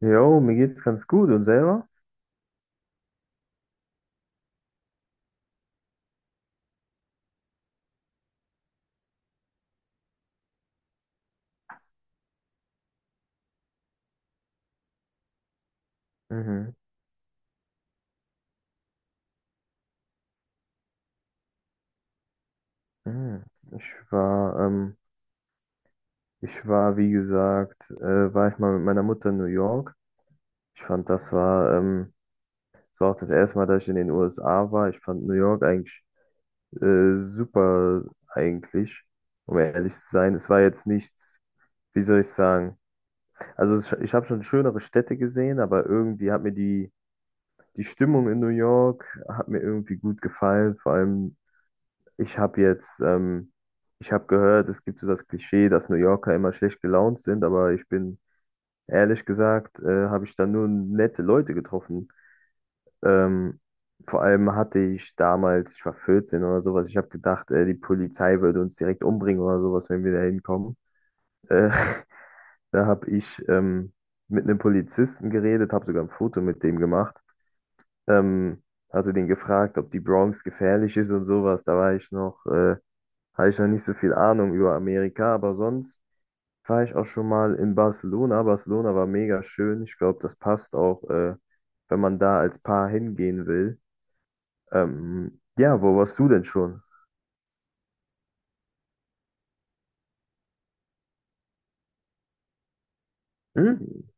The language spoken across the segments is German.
Jo, mir geht's ganz gut und selber? Mhm. Mhm. Ich war, ähm, ich war, wie gesagt, war ich mal mit meiner Mutter in New York. Ich fand, das war auch das erste Mal, dass ich in den USA war. Ich fand New York eigentlich super, eigentlich, um ehrlich zu sein. Es war jetzt nichts, wie soll ich sagen? Ich habe schon schönere Städte gesehen, aber irgendwie hat mir die Stimmung in New York hat mir irgendwie gut gefallen. Vor allem Ich habe jetzt, ähm, ich habe gehört, es gibt so das Klischee, dass New Yorker immer schlecht gelaunt sind, aber ich bin ehrlich gesagt, habe ich da nur nette Leute getroffen. Ähm, Vor allem hatte ich damals, ich war 14 oder sowas, ich habe gedacht, die Polizei würde uns direkt umbringen oder sowas, wenn wir da hinkommen. Äh, da habe ich mit einem Polizisten geredet, habe sogar ein Foto mit dem gemacht. Ähm, Hatte den gefragt, ob die Bronx gefährlich ist und sowas. Da war ich noch. Habe ich noch nicht so viel Ahnung über Amerika, aber sonst war ich auch schon mal in Barcelona. Barcelona war mega schön. Ich glaube, das passt auch, wenn man da als Paar hingehen will. Ja, wo warst du denn schon? Hm?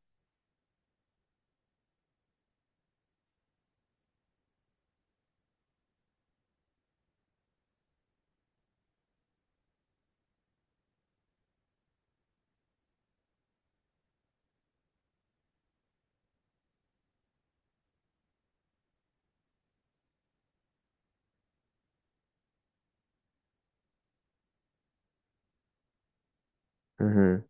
Mhm.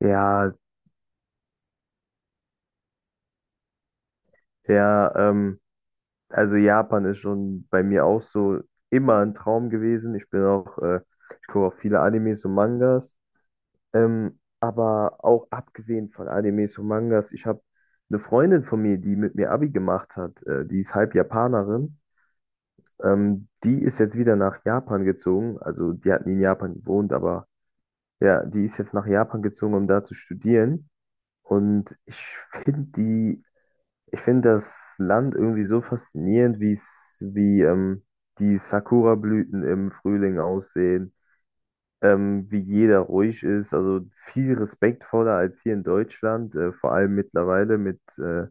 Ja, ja, also Japan ist schon bei mir auch so immer ein Traum gewesen. Ich gucke auch viele Animes und Mangas. Aber auch abgesehen von Animes und Mangas, ich habe eine Freundin von mir, die mit mir Abi gemacht hat, die ist halb Japanerin. Die ist jetzt wieder nach Japan gezogen. Also die hat nie in Japan gewohnt, aber ja, die ist jetzt nach Japan gezogen, um da zu studieren. Und ich finde die, ich finde das Land irgendwie so faszinierend, wie die Sakura-Blüten im Frühling aussehen, wie jeder ruhig ist, also viel respektvoller als hier in Deutschland, vor allem mittlerweile mit,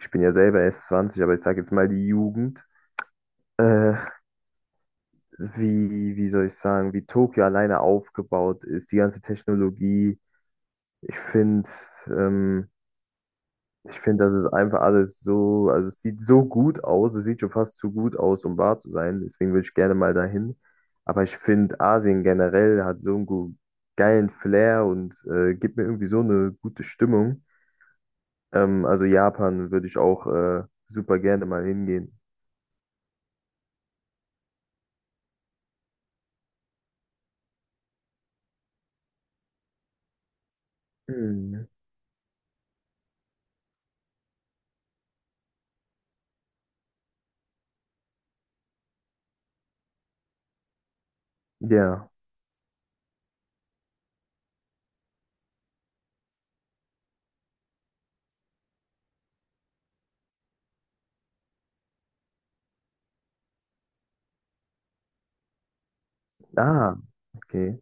ich bin ja selber erst 20, aber ich sage jetzt mal die Jugend, äh, wie, wie soll ich sagen, wie Tokio alleine aufgebaut ist, die ganze Technologie, ich finde, ähm, ich finde, das ist einfach alles so, also es sieht so gut aus, es sieht schon fast zu gut aus, um wahr zu sein. Deswegen würde ich gerne mal dahin. Aber ich finde, Asien generell hat so einen geilen Flair und gibt mir irgendwie so eine gute Stimmung. Also Japan würde ich auch super gerne mal hingehen. Hm. Ja. Ah, okay.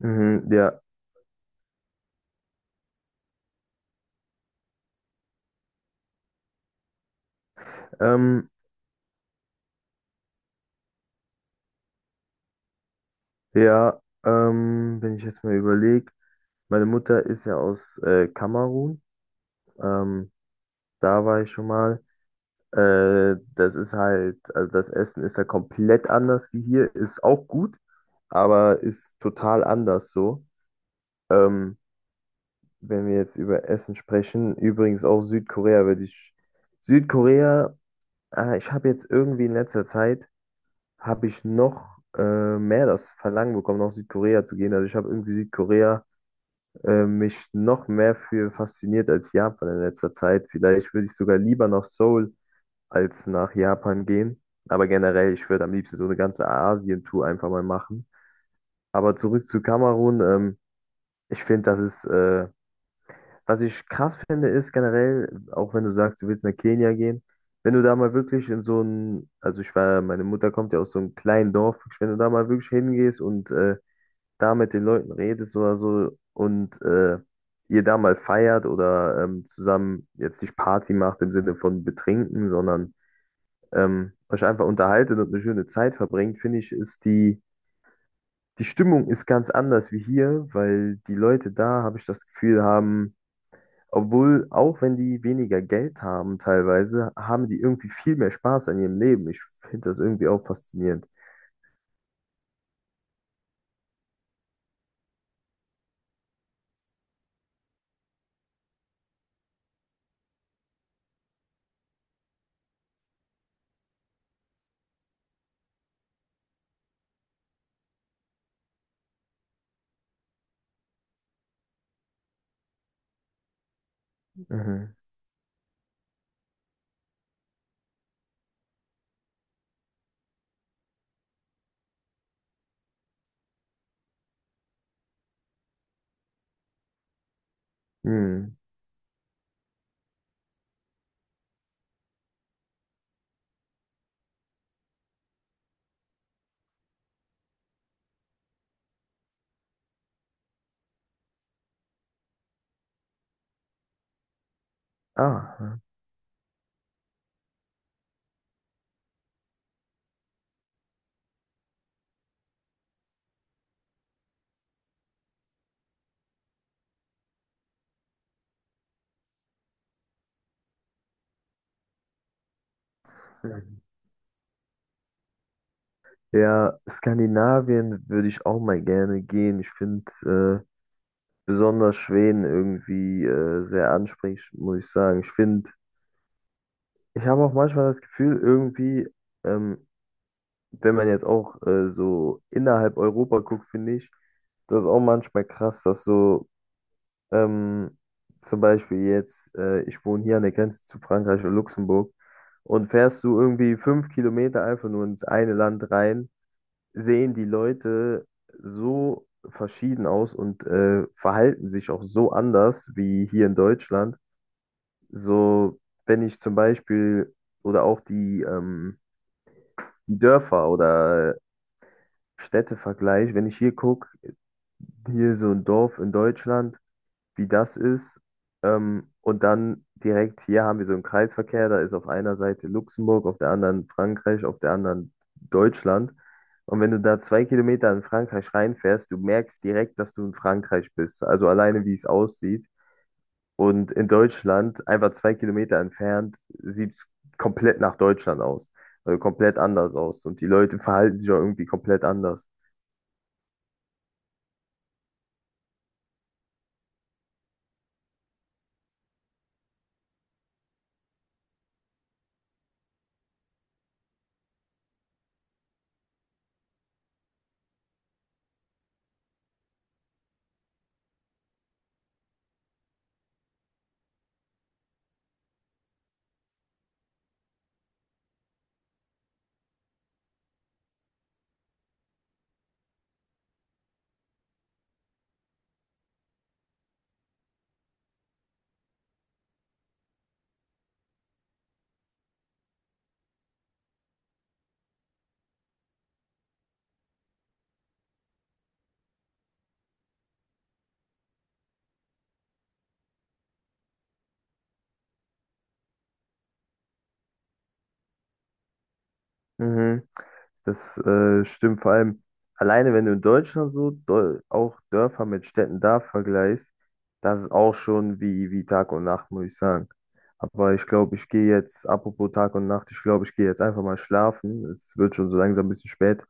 Mhm, ja. Ähm, ja, Wenn ich jetzt mal überlege, meine Mutter ist ja aus Kamerun. Ähm, Da war ich schon mal. Das ist halt, also das Essen ist ja halt komplett anders wie hier, ist auch gut, aber ist total anders so. Ähm, Wenn wir jetzt über Essen sprechen, übrigens auch Südkorea, Südkorea, ich habe jetzt irgendwie in letzter Zeit, habe ich noch mehr das Verlangen bekommen, nach Südkorea zu gehen. Also ich habe irgendwie Südkorea, mich noch mehr für fasziniert als Japan in letzter Zeit. Vielleicht würde ich sogar lieber nach Seoul als nach Japan gehen. Aber generell, ich würde am liebsten so eine ganze Asien-Tour einfach mal machen. Aber zurück zu Kamerun, ich finde, was ich krass finde, ist generell, auch wenn du sagst, du willst nach Kenia gehen, wenn du da mal wirklich in so ein, also ich war, meine Mutter kommt ja aus so einem kleinen Dorf, wenn du da mal wirklich hingehst und da mit den Leuten redest oder so und ihr da mal feiert oder zusammen jetzt nicht Party macht im Sinne von betrinken, sondern euch einfach unterhaltet und eine schöne Zeit verbringt, finde ich, die Stimmung ist ganz anders wie hier, weil die Leute da, habe ich das Gefühl, haben, obwohl, auch wenn die weniger Geld haben teilweise, haben die irgendwie viel mehr Spaß an ihrem Leben. Ich finde das irgendwie auch faszinierend. Mhm. Hm. Ah. Mhm. Ja, Skandinavien würde ich auch mal gerne gehen. Ich finde besonders Schweden irgendwie sehr ansprechend, muss ich sagen. Ich habe auch manchmal das Gefühl, irgendwie, ähm, wenn man jetzt auch so innerhalb Europa guckt, finde ich, das ist auch manchmal krass, dass so ähm, zum Beispiel jetzt, ich wohne hier an der Grenze zu Frankreich und Luxemburg und fährst du irgendwie 5 Kilometer einfach nur ins eine Land rein, sehen die Leute so verschieden aus und verhalten sich auch so anders wie hier in Deutschland. So, wenn ich zum Beispiel oder auch die Dörfer oder Städte vergleiche, wenn ich hier gucke, hier so ein Dorf in Deutschland, wie das ist, und dann direkt hier haben wir so einen Kreisverkehr, da ist auf einer Seite Luxemburg, auf der anderen Frankreich, auf der anderen Deutschland. Und wenn du da 2 Kilometer in Frankreich reinfährst, du merkst direkt, dass du in Frankreich bist. Also alleine, wie es aussieht. Und in Deutschland, einfach 2 Kilometer entfernt, sieht es komplett nach Deutschland aus. Also komplett anders aus. Und die Leute verhalten sich auch irgendwie komplett anders. Mhm. Das stimmt vor allem alleine, wenn du in Deutschland so Dol auch Dörfer mit Städten da vergleichst, das ist auch schon wie Tag und Nacht, muss ich sagen. Aber ich glaube, ich gehe jetzt, apropos Tag und Nacht, ich glaube, ich gehe jetzt einfach mal schlafen. Es wird schon so langsam ein bisschen spät.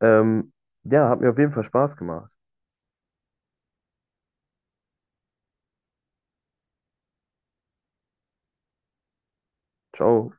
Ähm, ja, hat mir auf jeden Fall Spaß gemacht. Ciao.